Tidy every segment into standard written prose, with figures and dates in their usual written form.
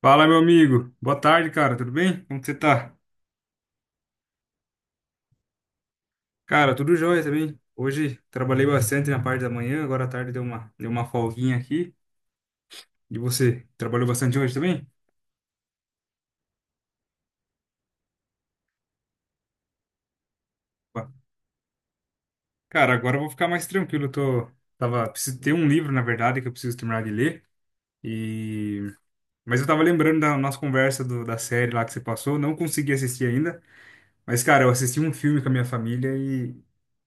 Fala, meu amigo. Boa tarde, cara. Tudo bem? Como que você tá? Cara, tudo jóia também. Hoje trabalhei bastante na parte da manhã, agora à tarde deu uma folguinha aqui. E você, trabalhou bastante hoje também? Opa. Cara, agora eu vou ficar mais tranquilo. Preciso ter um livro, na verdade, que eu preciso terminar de ler. E... Mas eu tava lembrando da nossa conversa da série lá que você passou. Não consegui assistir ainda. Mas, cara, eu assisti um filme com a minha família e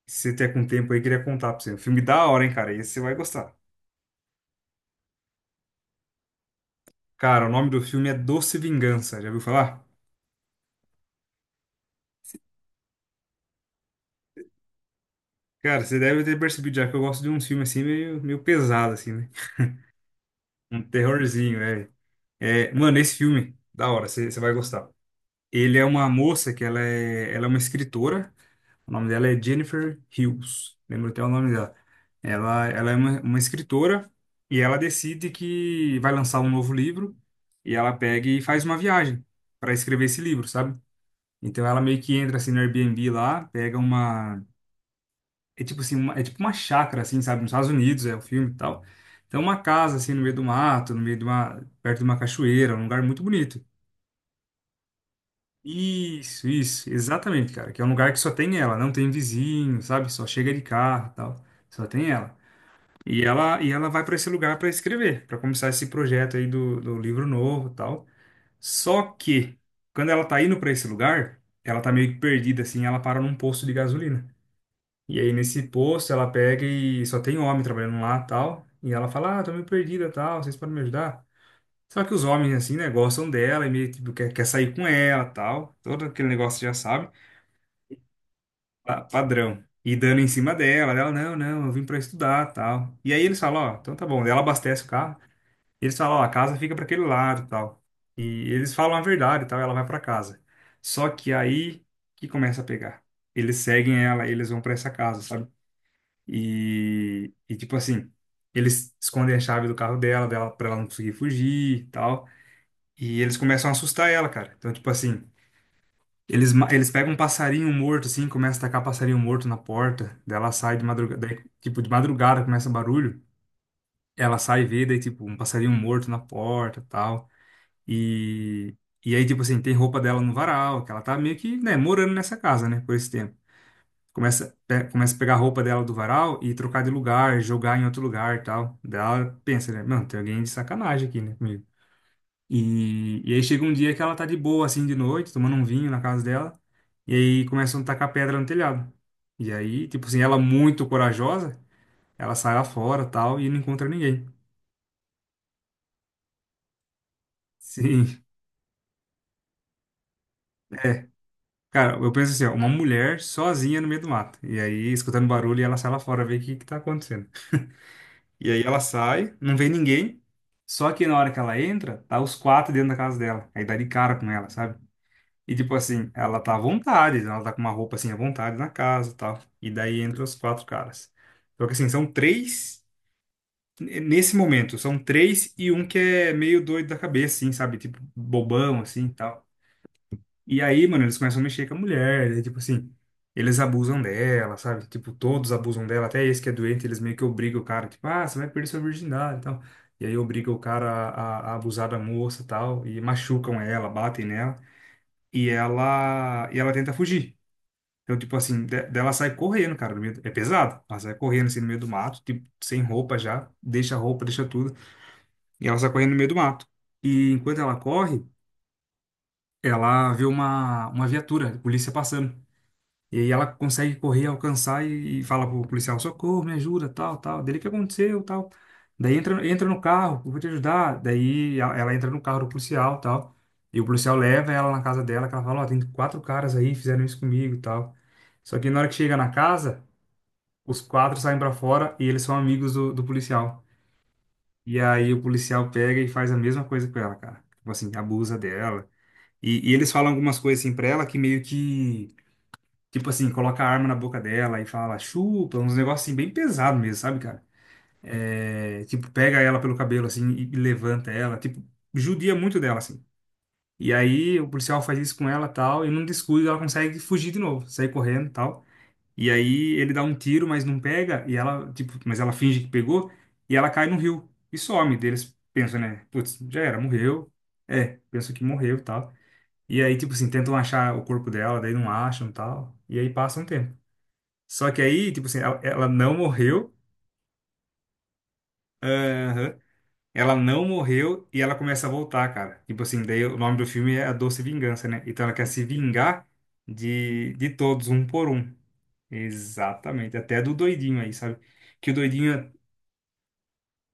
se você tiver com tempo aí, eu queria contar pra você. Um filme da hora, hein, cara. Esse você vai gostar. Cara, o nome do filme é Doce Vingança, já ouviu falar? Cara, você deve ter percebido já que eu gosto de uns filmes assim meio pesado, assim, né? Um terrorzinho, é. É, mano, esse filme, da hora, você vai gostar. Ele é uma moça que ela é uma escritora, o nome dela é Jennifer Hills, lembro até o nome dela. Ela é uma escritora e ela decide que vai lançar um novo livro e ela pega e faz uma viagem para escrever esse livro, sabe? Então ela meio que entra assim no Airbnb lá, pega uma é tipo assim, é tipo uma chácara, assim, sabe? Nos Estados Unidos é o filme e tal. Então, uma casa, assim, no meio do mato, no meio de uma, perto de uma cachoeira, um lugar muito bonito. Isso, exatamente, cara. Que é um lugar que só tem ela, não tem vizinho, sabe? Só chega de carro e tal. Só tem ela. E ela vai para esse lugar para escrever, para começar esse projeto aí do livro novo e tal. Só que, quando ela tá indo para esse lugar, ela tá meio que perdida, assim, ela para num posto de gasolina. E aí nesse posto ela pega e só tem homem trabalhando lá, tal. E ela fala, ah, tô meio perdida, tal, vocês podem me ajudar? Só que os homens, assim, né, gostam dela e meio, tipo, quer sair com ela, tal. Todo aquele negócio já sabe, padrão. E dando em cima dela, ela, não, não, eu vim pra estudar, tal. E aí eles falam, ó, então tá bom. Daí ela abastece o carro. E eles falam, ó, a casa fica pra aquele lado, tal. E eles falam a verdade, tal, ela vai pra casa. Só que aí que começa a pegar. Eles seguem ela, eles vão pra essa casa, sabe? E tipo assim, eles escondem a chave do carro dela para ela não conseguir fugir e tal. E eles começam a assustar ela, cara. Então, tipo assim, eles pegam um passarinho morto, assim, começa a tacar passarinho morto na porta. Daí ela sai de madrugada, daí, tipo, de madrugada começa barulho. Ela sai e vê, daí, tipo, um passarinho morto na porta e tal. E, e aí, tipo assim, tem roupa dela no varal, que ela tá meio que, né, morando nessa casa, né, por esse tempo. Começa a pegar a roupa dela do varal e trocar de lugar, jogar em outro lugar e tal. Daí ela pensa, né? Mano, tem alguém de sacanagem aqui, né, comigo. E aí chega um dia que ela tá de boa, assim, de noite, tomando um vinho na casa dela. E aí começam a tacar pedra no telhado. E aí, tipo assim, ela muito corajosa, ela sai lá fora tal e não encontra ninguém. Sim, é. Cara, eu penso assim, ó, uma mulher sozinha no meio do mato. E aí, escutando barulho, ela sai lá fora ver o que que tá acontecendo. E aí ela sai, não vê ninguém. Só que na hora que ela entra, tá os quatro dentro da casa dela. Aí dá de cara com ela, sabe? E tipo assim, ela tá à vontade, né? Ela tá com uma roupa assim à vontade na casa e tal. E daí entra os quatro caras. Só que assim, são três. Nesse momento, são três e um que é meio doido da cabeça, assim, sabe? Tipo, bobão, assim e tal. E aí, mano, eles começam a mexer com a mulher, daí, tipo assim, eles abusam dela, sabe? Tipo, todos abusam dela, até esse que é doente, eles meio que obrigam o cara, tipo, ah, você vai perder sua virgindade e tal. E aí obriga o cara a abusar da moça e tal, e machucam ela, batem nela, e ela tenta fugir. Então, tipo assim, dela sai correndo, cara, no meio é pesado. Ela sai correndo assim no meio do mato, tipo, sem roupa já, deixa a roupa, deixa tudo, e ela sai correndo no meio do mato. E enquanto ela corre, ela vê uma viatura, polícia passando. E aí ela consegue correr, alcançar e fala pro policial, socorro, me ajuda, tal, tal. Dele, o que aconteceu, tal. Daí entra no carro, eu vou te ajudar. Daí ela entra no carro do policial, tal. E o policial leva ela na casa dela, que ela fala, ó, tem quatro caras aí, fizeram isso comigo e tal. Só que na hora que chega na casa, os quatro saem pra fora e eles são amigos do policial. E aí o policial pega e faz a mesma coisa com ela, cara. Tipo assim, abusa dela. E eles falam algumas coisas assim pra ela que meio que tipo assim, coloca a arma na boca dela e fala, chupa, uns negócios assim bem pesado mesmo, sabe, cara? É, tipo, pega ela pelo cabelo assim e levanta ela, tipo, judia muito dela, assim. E aí o policial faz isso com ela tal, e num descuido ela consegue fugir de novo, sair correndo tal. E aí ele dá um tiro, mas não pega, e ela, tipo, mas ela finge que pegou, e ela cai no rio e some. Daí eles pensam, né? Putz, já era, morreu. É, pensam que morreu tal. E aí, tipo assim, tentam achar o corpo dela, daí não acham tal. E aí passa um tempo. Só que aí, tipo assim, ela não morreu. Aham. Ela não morreu e ela começa a voltar, cara. Tipo assim, daí o nome do filme é A Doce Vingança, né? Então ela quer se vingar de todos, um por um. Exatamente. Até do doidinho aí, sabe? Que o doidinho.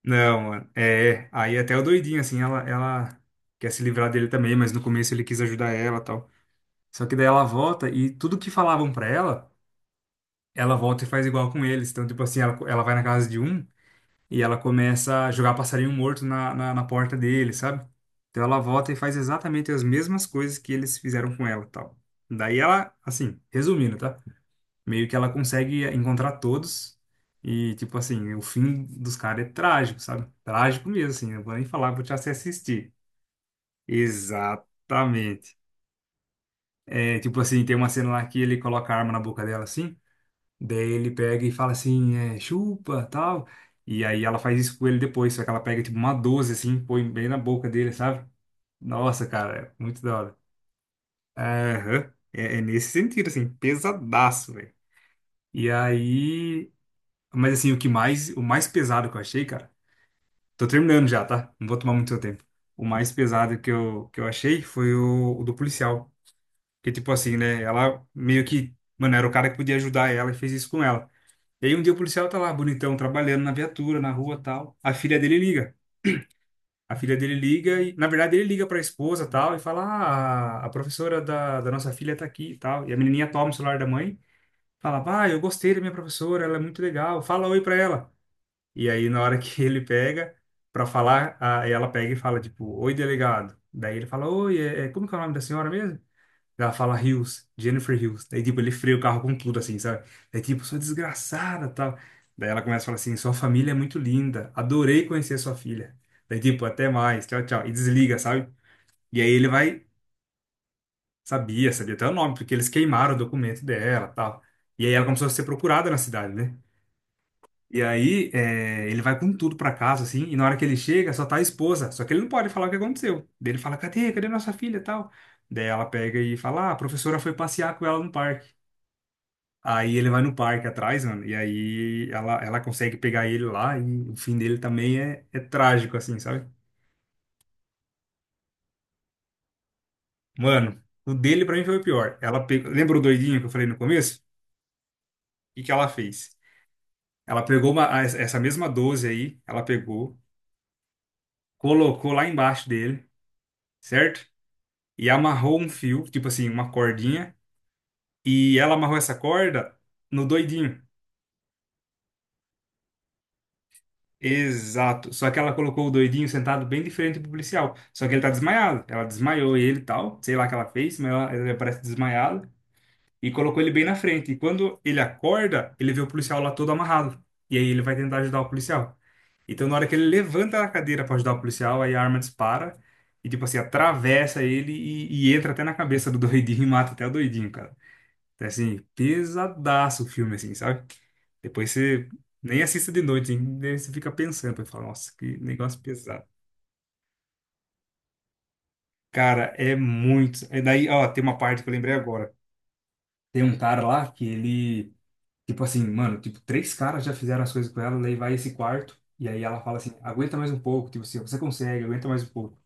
Não, mano. É, aí até o doidinho, assim, ela quer se livrar dele também, mas no começo ele quis ajudar ela e tal. Só que daí ela volta e tudo que falavam pra ela, ela volta e faz igual com eles. Então, tipo assim, ela vai na casa de um. E ela começa a jogar passarinho morto na porta dele, sabe? Então ela volta e faz exatamente as mesmas coisas que eles fizeram com ela, e tal. Daí ela, assim, resumindo, tá? Meio que ela consegue encontrar todos e, tipo assim, o fim dos caras é trágico, sabe? Trágico mesmo, assim, não vou nem falar, vou te assistir. Exatamente. É, tipo assim, tem uma cena lá que ele coloca a arma na boca dela, assim. Daí ele pega e fala assim, é, chupa, tal. E aí ela faz isso com ele depois, só que ela pega tipo uma 12 assim, põe bem na boca dele, sabe? Nossa, cara, é muito da hora. Aham. É nesse sentido, assim, pesadaço, velho. E aí. Mas assim, o que mais, o mais pesado que eu achei, cara. Tô terminando já, tá? Não vou tomar muito seu tempo. O mais pesado que eu achei foi o do policial. Que tipo assim, né? Ela meio que. Mano, era o cara que podia ajudar ela e fez isso com ela. E aí um dia o policial tá lá, bonitão, trabalhando na viatura, na rua, tal. A filha dele liga. A filha dele liga e, na verdade, ele liga pra esposa, tal, e fala: "Ah, a professora da, da nossa filha tá aqui", e tal. E a menininha toma o celular da mãe, fala: "Pai, eu gostei da minha professora, ela é muito legal. Fala oi pra ela". E aí na hora que ele pega pra falar, ela pega e fala tipo: "Oi, delegado". Daí ele fala: "Oi, como que é o nome da senhora mesmo?" Ela fala Hills, Jennifer Hills. Daí, tipo, ele freia o carro com tudo, assim, sabe? Daí, tipo, sou desgraçada, tal. Daí ela começa a falar assim, sua família é muito linda. Adorei conhecer sua filha. Daí, tipo, até mais, tchau, tchau. E desliga, sabe? E aí ele vai, sabia, sabia até o nome, porque eles queimaram o documento dela, tal. E aí ela começou a ser procurada na cidade, né? E aí é, ele vai com tudo pra casa, assim, e na hora que ele chega, só tá a esposa. Só que ele não pode falar o que aconteceu. Daí ele fala, cadê? Cadê nossa filha, tal? Daí ela pega e fala, ah, a professora foi passear com ela no parque. Aí ele vai no parque atrás, mano, e aí ela consegue pegar ele lá, e o fim dele também é trágico, assim, sabe? Mano, o dele pra mim foi o pior. Ela pegou, lembra o doidinho que eu falei no começo? O que que ela fez? Ela pegou uma, essa mesma 12 aí, ela pegou, colocou lá embaixo dele, certo? E amarrou um fio, tipo assim, uma cordinha, e ela amarrou essa corda no doidinho. Exato. Só que ela colocou o doidinho sentado bem diferente do policial. Só que ele tá desmaiado. Ela desmaiou ele e tal. Sei lá o que ela fez, mas ela parece desmaiada. E colocou ele bem na frente. E quando ele acorda, ele vê o policial lá todo amarrado. E aí ele vai tentar ajudar o policial. Então, na hora que ele levanta a cadeira pra ajudar o policial, aí a arma dispara. E, tipo assim, atravessa ele e entra até na cabeça do doidinho e mata até o doidinho, cara. É, assim, pesadaço o filme, assim, sabe? Depois você nem assista de noite, hein? Daí você fica pensando, vai falar, nossa, que negócio pesado. Cara, é muito. É daí, ó, tem uma parte que eu lembrei agora. Tem um cara lá que ele, tipo assim, mano, tipo, três caras já fizeram as coisas com ela, daí vai esse quarto, e aí ela fala assim, aguenta mais um pouco, tipo assim, você consegue, aguenta mais um pouco.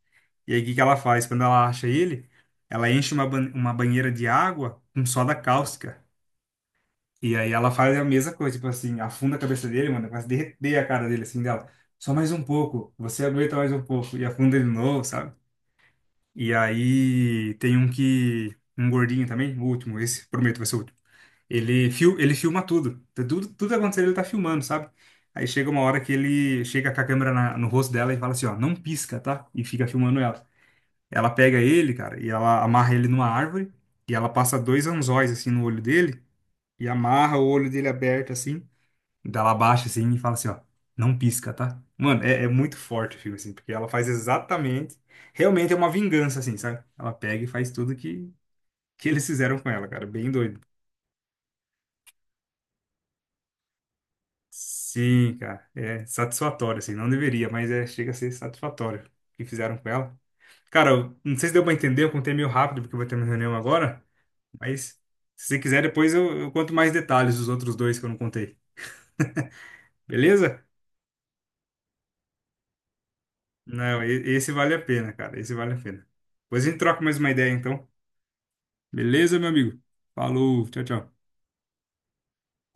E aí o que que ela faz? Quando ela acha ele, ela enche uma, uma banheira de água com soda cáustica. E aí ela faz a mesma coisa, tipo assim, afunda a cabeça dele, mano, quase derreter a cara dele, assim, dela. Só mais um pouco, você aguenta mais um pouco. E afunda de novo, sabe? E aí tem um que, um gordinho também, o último, esse, prometo, vai ser o último. Ele, ele filma tudo. Tá tudo, tudo acontecendo, ele tá filmando, sabe? Aí chega uma hora que ele chega com a câmera no rosto dela e fala assim, ó, não pisca, tá? E fica filmando ela. Ela pega ele, cara, e ela amarra ele numa árvore, e ela passa dois anzóis, assim, no olho dele, e amarra o olho dele aberto, assim, dela abaixa assim e fala assim, ó, não pisca, tá? Mano, é muito forte o filme, assim, porque ela faz exatamente. Realmente é uma vingança, assim, sabe? Ela pega e faz tudo que eles fizeram com ela, cara. Bem doido. Sim, cara. É satisfatório, assim. Não deveria, mas é, chega a ser satisfatório o que fizeram com ela. Cara, eu não sei se deu pra entender, eu contei meio rápido, porque eu vou ter uma reunião agora. Mas se você quiser, depois eu conto mais detalhes dos outros dois que eu não contei. Beleza? Não, esse vale a pena, cara. Esse vale a pena. Depois a gente troca mais uma ideia, então. Beleza, meu amigo? Falou, tchau, tchau.